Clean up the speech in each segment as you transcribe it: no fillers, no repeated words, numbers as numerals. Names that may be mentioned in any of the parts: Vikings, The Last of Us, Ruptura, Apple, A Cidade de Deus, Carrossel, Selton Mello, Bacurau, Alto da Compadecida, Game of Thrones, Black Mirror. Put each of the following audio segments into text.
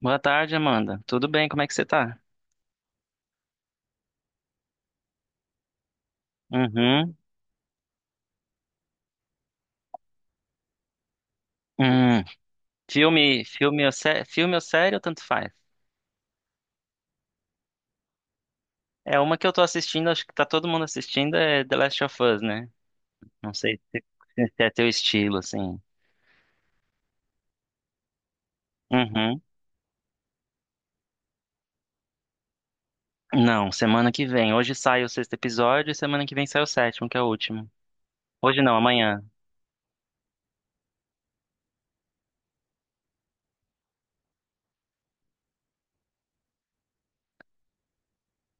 Boa tarde, Amanda. Tudo bem? Como é que você tá? Uhum. Hum. Filme, filme ou série, tanto faz. É uma que eu tô assistindo, acho que tá todo mundo assistindo, é The Last of Us, né? Não sei se é teu estilo, assim. Uhum. Não, semana que vem. Hoje sai o sexto episódio e semana que vem sai o sétimo, que é o último. Hoje não, amanhã.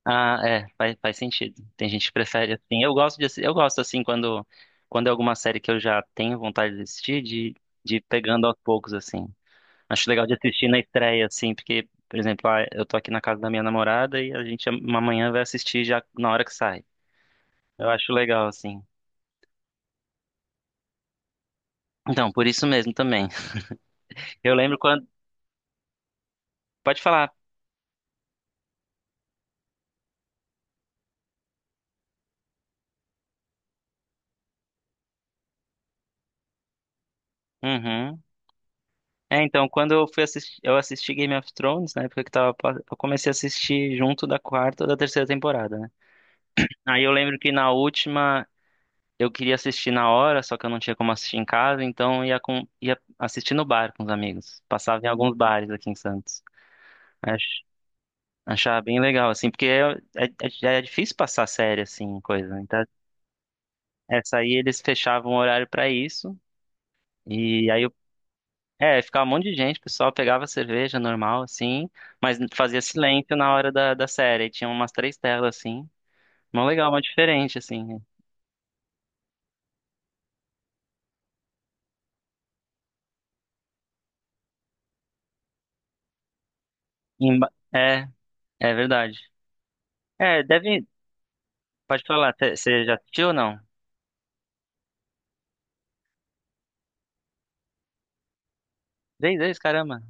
Ah, é, faz sentido. Tem gente que prefere assim. Eu gosto assim quando é alguma série que eu já tenho vontade de assistir, de ir pegando aos poucos, assim. Acho legal de assistir na estreia, assim, porque, por exemplo, ah, eu tô aqui na casa da minha namorada e a gente amanhã vai assistir já na hora que sai. Eu acho legal, assim. Então, por isso mesmo também. Eu lembro quando. Pode falar. Uhum. É, então, quando eu fui assistir, eu assisti Game of Thrones, na época que tava, eu comecei a assistir junto da quarta ou da terceira temporada, né? Aí eu lembro que na última eu queria assistir na hora, só que eu não tinha como assistir em casa, então ia assistir no bar com os amigos. Passava em alguns bares aqui em Santos. Achava bem legal, assim, porque é difícil passar série, assim, coisa. Né? Então, essa aí eles fechavam o horário pra isso. E aí, eu- é, ficava um monte de gente, o pessoal pegava cerveja normal, assim, mas fazia silêncio na hora da série. E tinha umas três telas, assim. Mó legal, mó diferente, assim. É, é verdade. É, deve. Pode falar, você já assistiu ou não? Três vezes, caramba.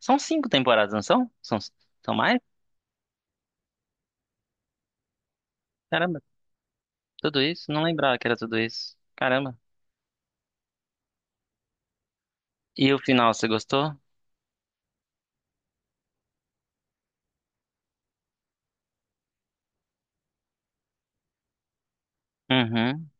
São cinco temporadas, não são? São, são mais? Caramba, tudo isso? Não lembrava que era tudo isso. Caramba. E o final, você gostou? Uhum.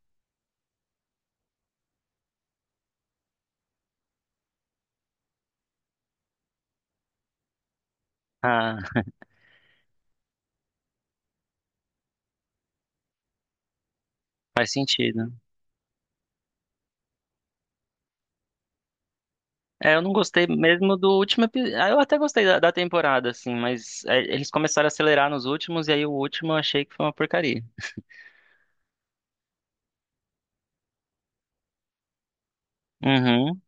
Ah, faz sentido. É, eu não gostei mesmo do último episódio. Eu até gostei da temporada, assim, mas é, eles começaram a acelerar nos últimos, e aí o último eu achei que foi uma porcaria. Uhum.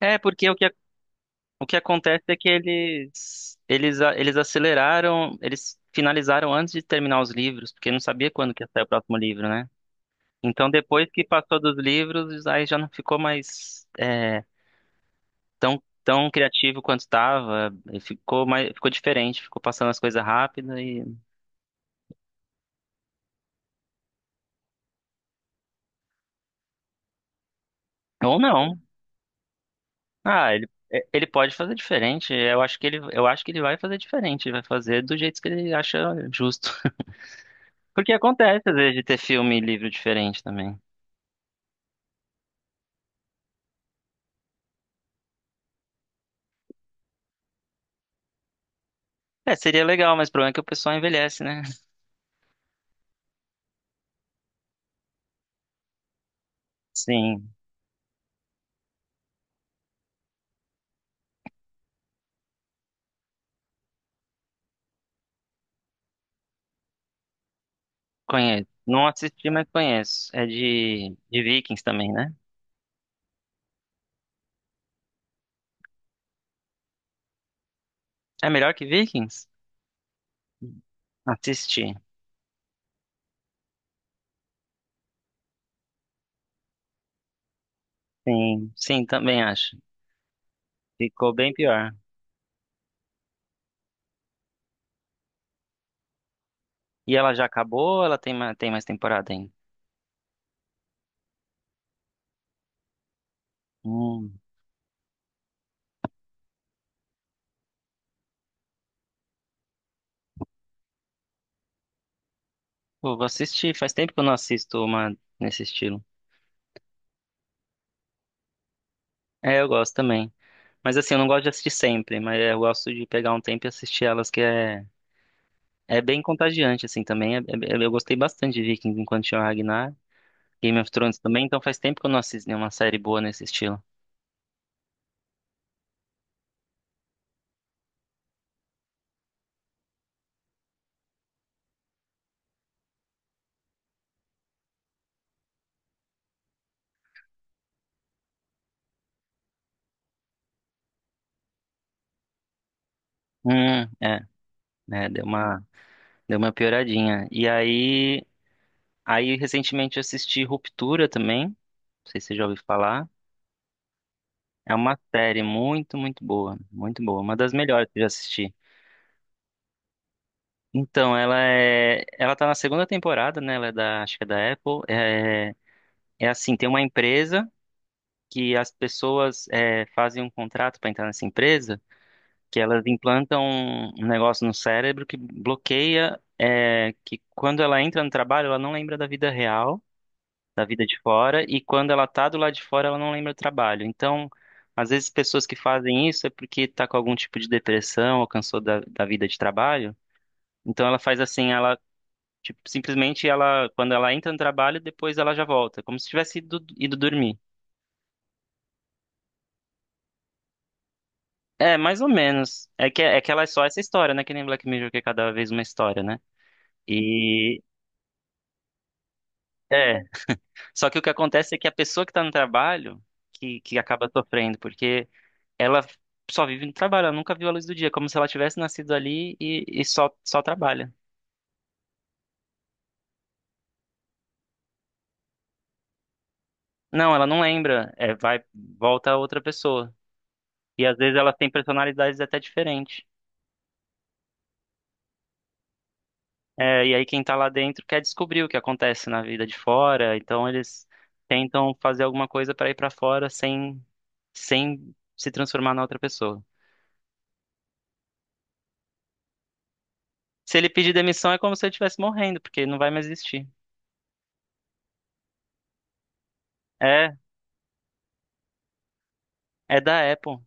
É, porque o que acontece é que eles aceleraram, eles finalizaram antes de terminar os livros, porque não sabia quando que ia sair o próximo livro, né? Então, depois que passou dos livros, aí já não ficou mais. É, tão criativo quanto estava, ficou mais, ficou diferente, ficou passando as coisas rápido e ou não. Ah, ele pode fazer diferente. Eu acho que ele vai fazer diferente, vai fazer do jeito que ele acha justo. Porque acontece às vezes de ter filme e livro diferente também. É, seria legal, mas o problema é que o pessoal envelhece, né? Sim, conheço. Não assisti, mas conheço. É de Vikings também, né? É melhor que Vikings? Assisti. Sim, sim, também acho. Ficou bem pior. E ela já acabou ou ela tem mais temporada ainda? Hum. Pô, vou assistir. Faz tempo que eu não assisto uma nesse estilo. É, eu gosto também. Mas assim, eu não gosto de assistir sempre, mas eu gosto de pegar um tempo e assistir elas, é bem contagiante, assim, também. Eu gostei bastante de Vikings enquanto tinha o Ragnar. Game of Thrones também, então faz tempo que eu não assisto nenhuma série boa nesse estilo. É, né, deu uma pioradinha. Aí recentemente eu assisti Ruptura também, não sei se você já ouviu falar. É uma série muito, muito boa, uma das melhores que eu já assisti. Então, ela tá na segunda temporada, né? Ela é da, acho que é da Apple. É, é assim, tem uma empresa que as pessoas é, fazem um contrato para entrar nessa empresa, que elas implantam um negócio no cérebro que bloqueia, é, que quando ela entra no trabalho, ela não lembra da vida real, da vida de fora, e quando ela tá do lado de fora, ela não lembra do trabalho. Então, às vezes pessoas que fazem isso é porque tá com algum tipo de depressão ou cansou da vida de trabalho. Então ela faz assim, ela tipo, simplesmente ela quando ela entra no trabalho, depois ela já volta, como se tivesse ido dormir. É, mais ou menos. É que ela é só essa história, né? Que nem Black Mirror, que é cada vez uma história, né? E é. Só que o que acontece é que a pessoa que tá no trabalho que acaba sofrendo, porque ela só vive no trabalho, ela nunca viu a luz do dia, como se ela tivesse nascido ali e só trabalha. Não, ela não lembra, é, vai, volta a outra pessoa. E às vezes elas têm personalidades até diferentes. É, e aí quem tá lá dentro quer descobrir o que acontece na vida de fora, então eles tentam fazer alguma coisa para ir para fora sem, sem se transformar na outra pessoa. Se ele pedir demissão é como se ele estivesse morrendo, porque não vai mais existir. É, é da Apple.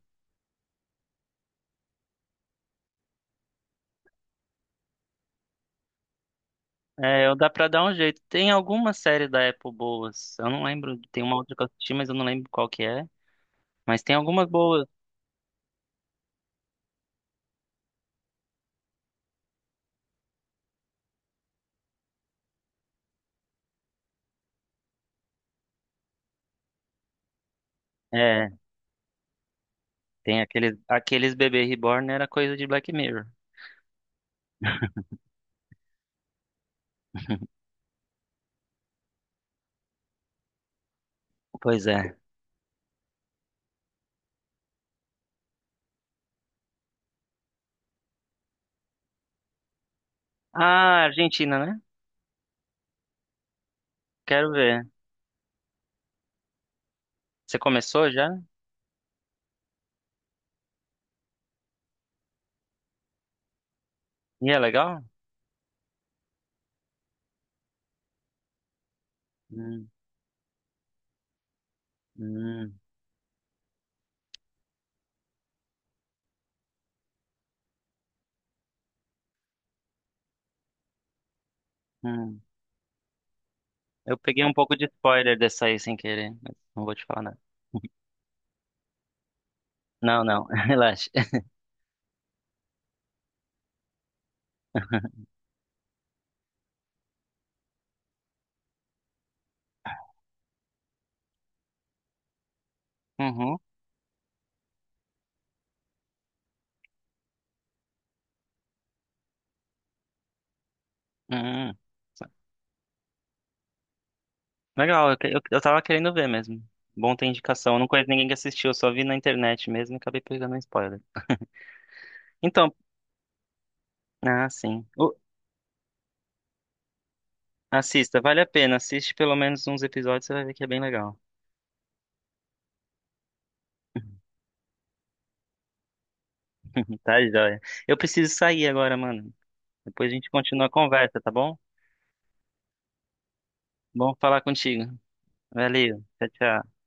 É, eu- dá pra dar um jeito. Tem alguma série da Apple boas. Eu não lembro. Tem uma outra que eu assisti, mas eu não lembro qual que é. Mas tem algumas boas. É, tem aqueles, aqueles bebê reborn era coisa de Black Mirror. Pois é. Ah, Argentina, né? Quero ver. Você começou já? E é legal? Hum, hum, hum. Eu peguei um pouco de spoiler dessa aí sem querer, mas não vou te falar nada. Não, não, relaxa. Uhum, uhum. Legal, eu tava querendo ver mesmo. Bom ter indicação. Eu não conheço ninguém que assistiu, eu só vi na internet mesmo e acabei pegando um spoiler. Então, ah, sim. O- assista, vale a pena. Assiste pelo menos uns episódios, você vai ver que é bem legal. Tá, joia. Eu preciso sair agora, mano. Depois a gente continua a conversa, tá bom? Bom falar contigo. Valeu. Tchau, tchau.